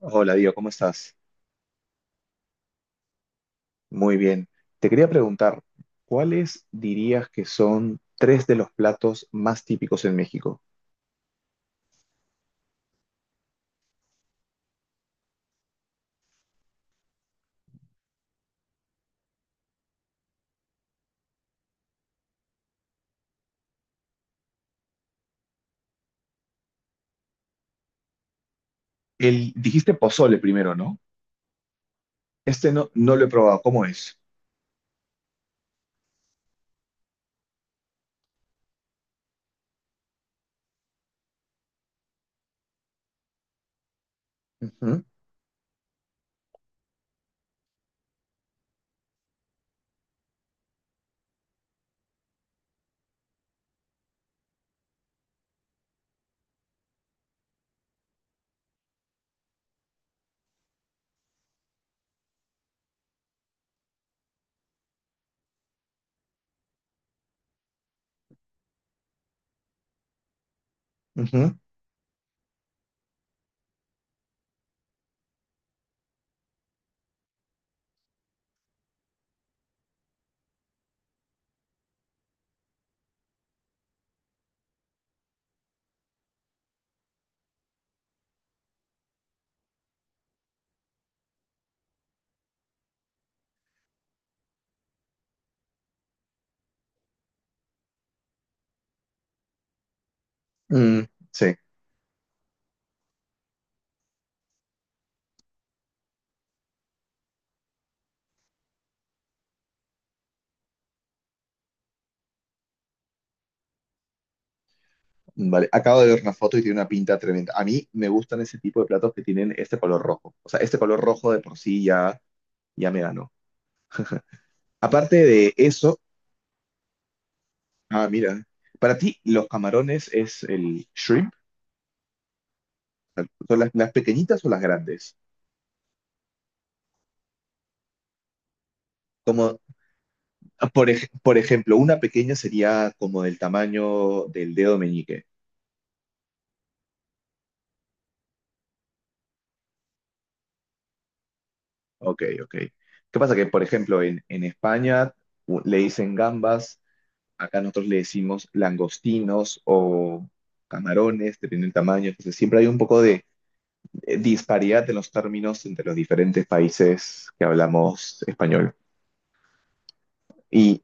Hola, Diego, ¿cómo estás? Muy bien. Te quería preguntar, ¿cuáles dirías que son tres de los platos más típicos en México? El, dijiste pozole primero, ¿no? Este no lo he probado, ¿cómo es? Ujú, ujú, mm, sí, vale. Acabo de ver una foto y tiene una pinta tremenda. A mí me gustan ese tipo de platos que tienen este color rojo. O sea, este color rojo de por sí ya, ya me ganó. Aparte de eso, ah, mira, para ti los camarones es el shrimp. ¿Son las pequeñitas o las grandes? Como, por, por ejemplo, una pequeña sería como del tamaño del dedo meñique. Ok, ok. ¿Qué pasa? Que, por ejemplo, en España le dicen gambas, acá nosotros le decimos langostinos o camarones, dependiendo del tamaño. Entonces, siempre hay un poco de disparidad en los términos entre los diferentes países que hablamos español. Y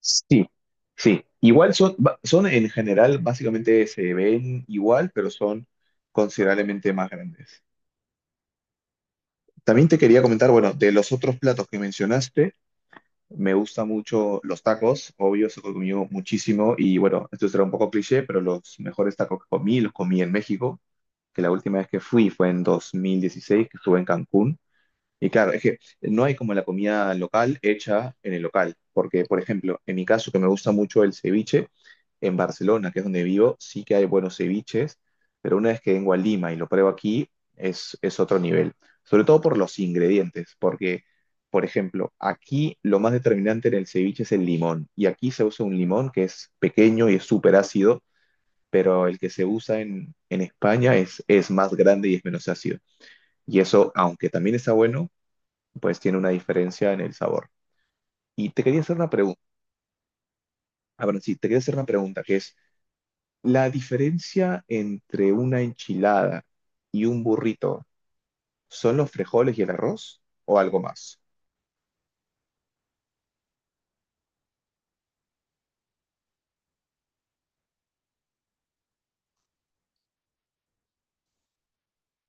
sí, sí. Igual son, son en general, básicamente se ven igual, pero son considerablemente más grandes. También te quería comentar, bueno, de los otros platos que mencionaste, me gustan mucho los tacos, obvio, se comí muchísimo y bueno, esto será un poco cliché, pero los mejores tacos que comí los comí en México, que la última vez que fui fue en 2016, que estuve en Cancún. Y claro, es que no hay como la comida local hecha en el local, porque por ejemplo, en mi caso que me gusta mucho el ceviche, en Barcelona, que es donde vivo, sí que hay buenos ceviches, pero una vez que vengo a Lima y lo pruebo aquí, es otro nivel, sobre todo por los ingredientes, porque por ejemplo, aquí lo más determinante en el ceviche es el limón, y aquí se usa un limón que es pequeño y es súper ácido, pero el que se usa en España es más grande y es menos ácido. Y eso, aunque también está bueno, pues tiene una diferencia en el sabor. Y te quería hacer una pregunta, a ver, sí, te quería hacer una pregunta, que es, ¿la diferencia entre una enchilada y un burrito son los frijoles y el arroz o algo más?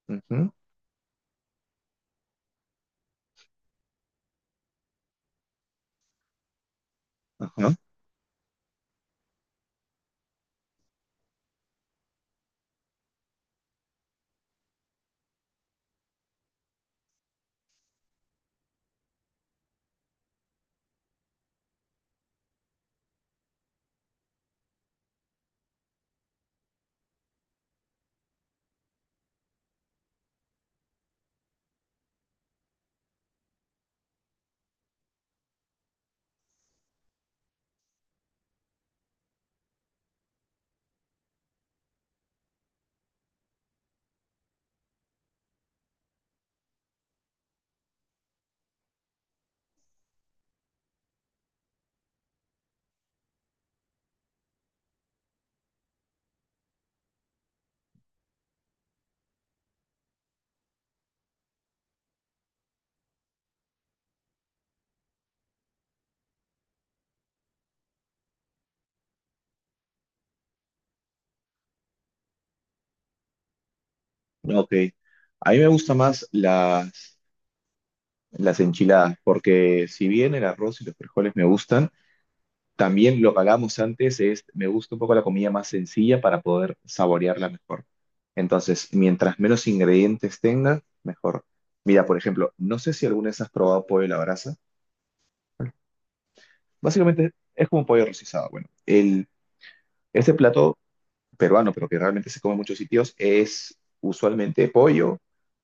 Ujú, ajá, ok. A mí me gustan más las enchiladas, porque si bien el arroz y los frijoles me gustan, también lo que hablábamos antes es, me gusta un poco la comida más sencilla para poder saborearla mejor. Entonces, mientras menos ingredientes tenga, mejor. Mira, por ejemplo, no sé si alguna vez has probado pollo a la brasa. Básicamente es como un pollo rostizado. Bueno, el, este plato peruano, pero que realmente se come en muchos sitios, es usualmente pollo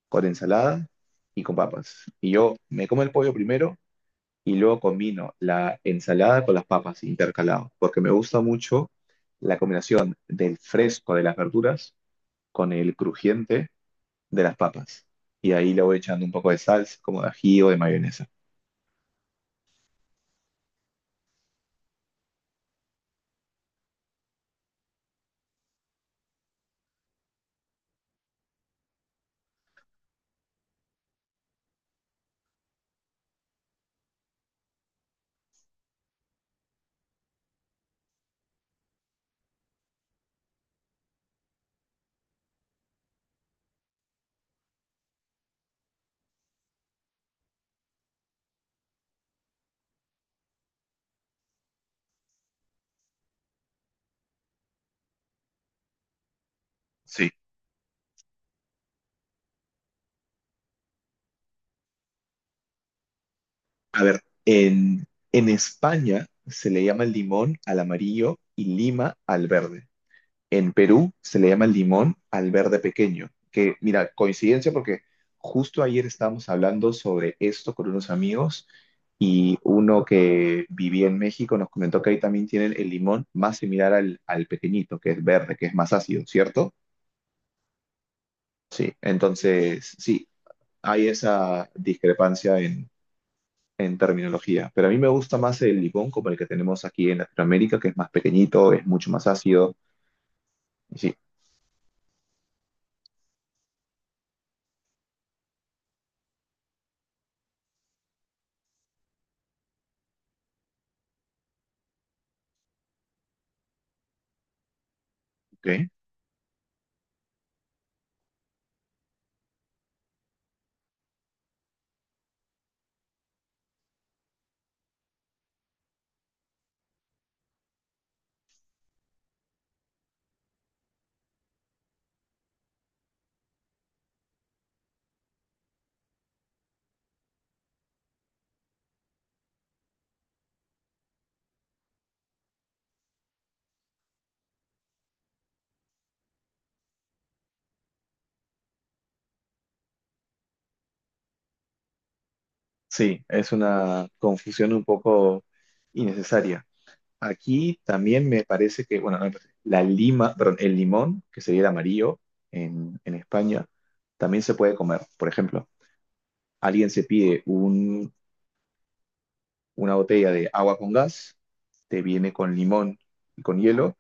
con ensalada y con papas. Y yo me como el pollo primero y luego combino la ensalada con las papas intercalado, porque me gusta mucho la combinación del fresco de las verduras con el crujiente de las papas. Y ahí le voy echando un poco de salsa, como de ají o de mayonesa. Sí. En, en España se le llama el limón al amarillo y lima al verde. En Perú se le llama limón al verde pequeño, que mira, coincidencia porque justo ayer estábamos hablando sobre esto con unos amigos y uno que vivía en México nos comentó que ahí también tienen el limón más similar al, al pequeñito, que es verde, que es más ácido, ¿cierto? Sí, entonces sí, hay esa discrepancia en terminología, pero a mí me gusta más el limón como el que tenemos aquí en Latinoamérica, que es más pequeñito, es mucho más ácido. Sí, ok. Sí, es una confusión un poco innecesaria. Aquí también me parece que, bueno, no me parece, la lima, perdón, el limón, que sería el amarillo en España, también se puede comer. Por ejemplo, alguien se pide un- una botella de agua con gas, te viene con limón y con hielo,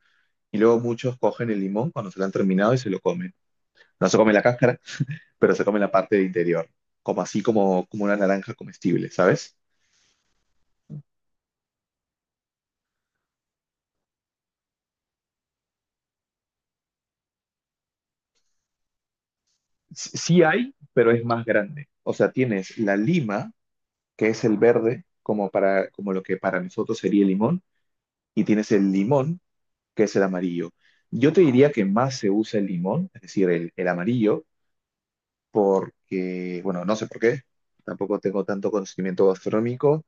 y luego muchos cogen el limón cuando se lo han terminado y se lo comen. No se come la cáscara, pero se come la parte del interior, como así como, como una naranja comestible, ¿sabes? S- sí hay, pero es más grande. O sea, tienes la lima, que es el verde, como, para, como lo que para nosotros sería el limón, y tienes el limón, que es el amarillo. Yo te diría que más se usa el limón, es decir, el amarillo, porque, bueno, no sé por qué, tampoco tengo tanto conocimiento gastronómico,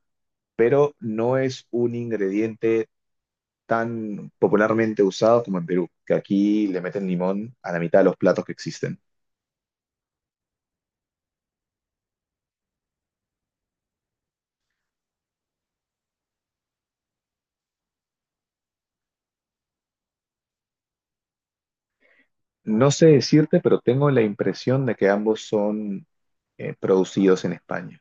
pero no es un ingrediente tan popularmente usado como en Perú, que aquí le meten limón a la mitad de los platos que existen. No sé decirte, pero tengo la impresión de que ambos son producidos en España.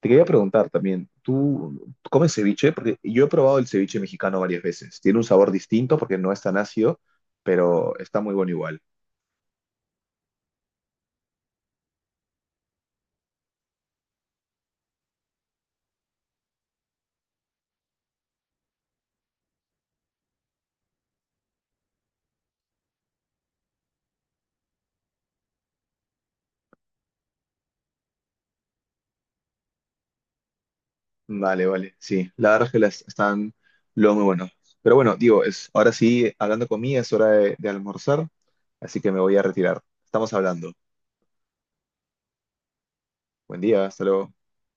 Te quería preguntar también, ¿tú comes ceviche? Porque yo he probado el ceviche mexicano varias veces. Tiene un sabor distinto porque no es tan ácido, pero está muy bueno igual. Vale, vale, sí. La verdad es que las están lo muy buenos. Pero bueno, digo, es, ahora sí, hablando conmigo, es hora de almorzar, así que me voy a retirar. Estamos hablando. Buen día, hasta luego.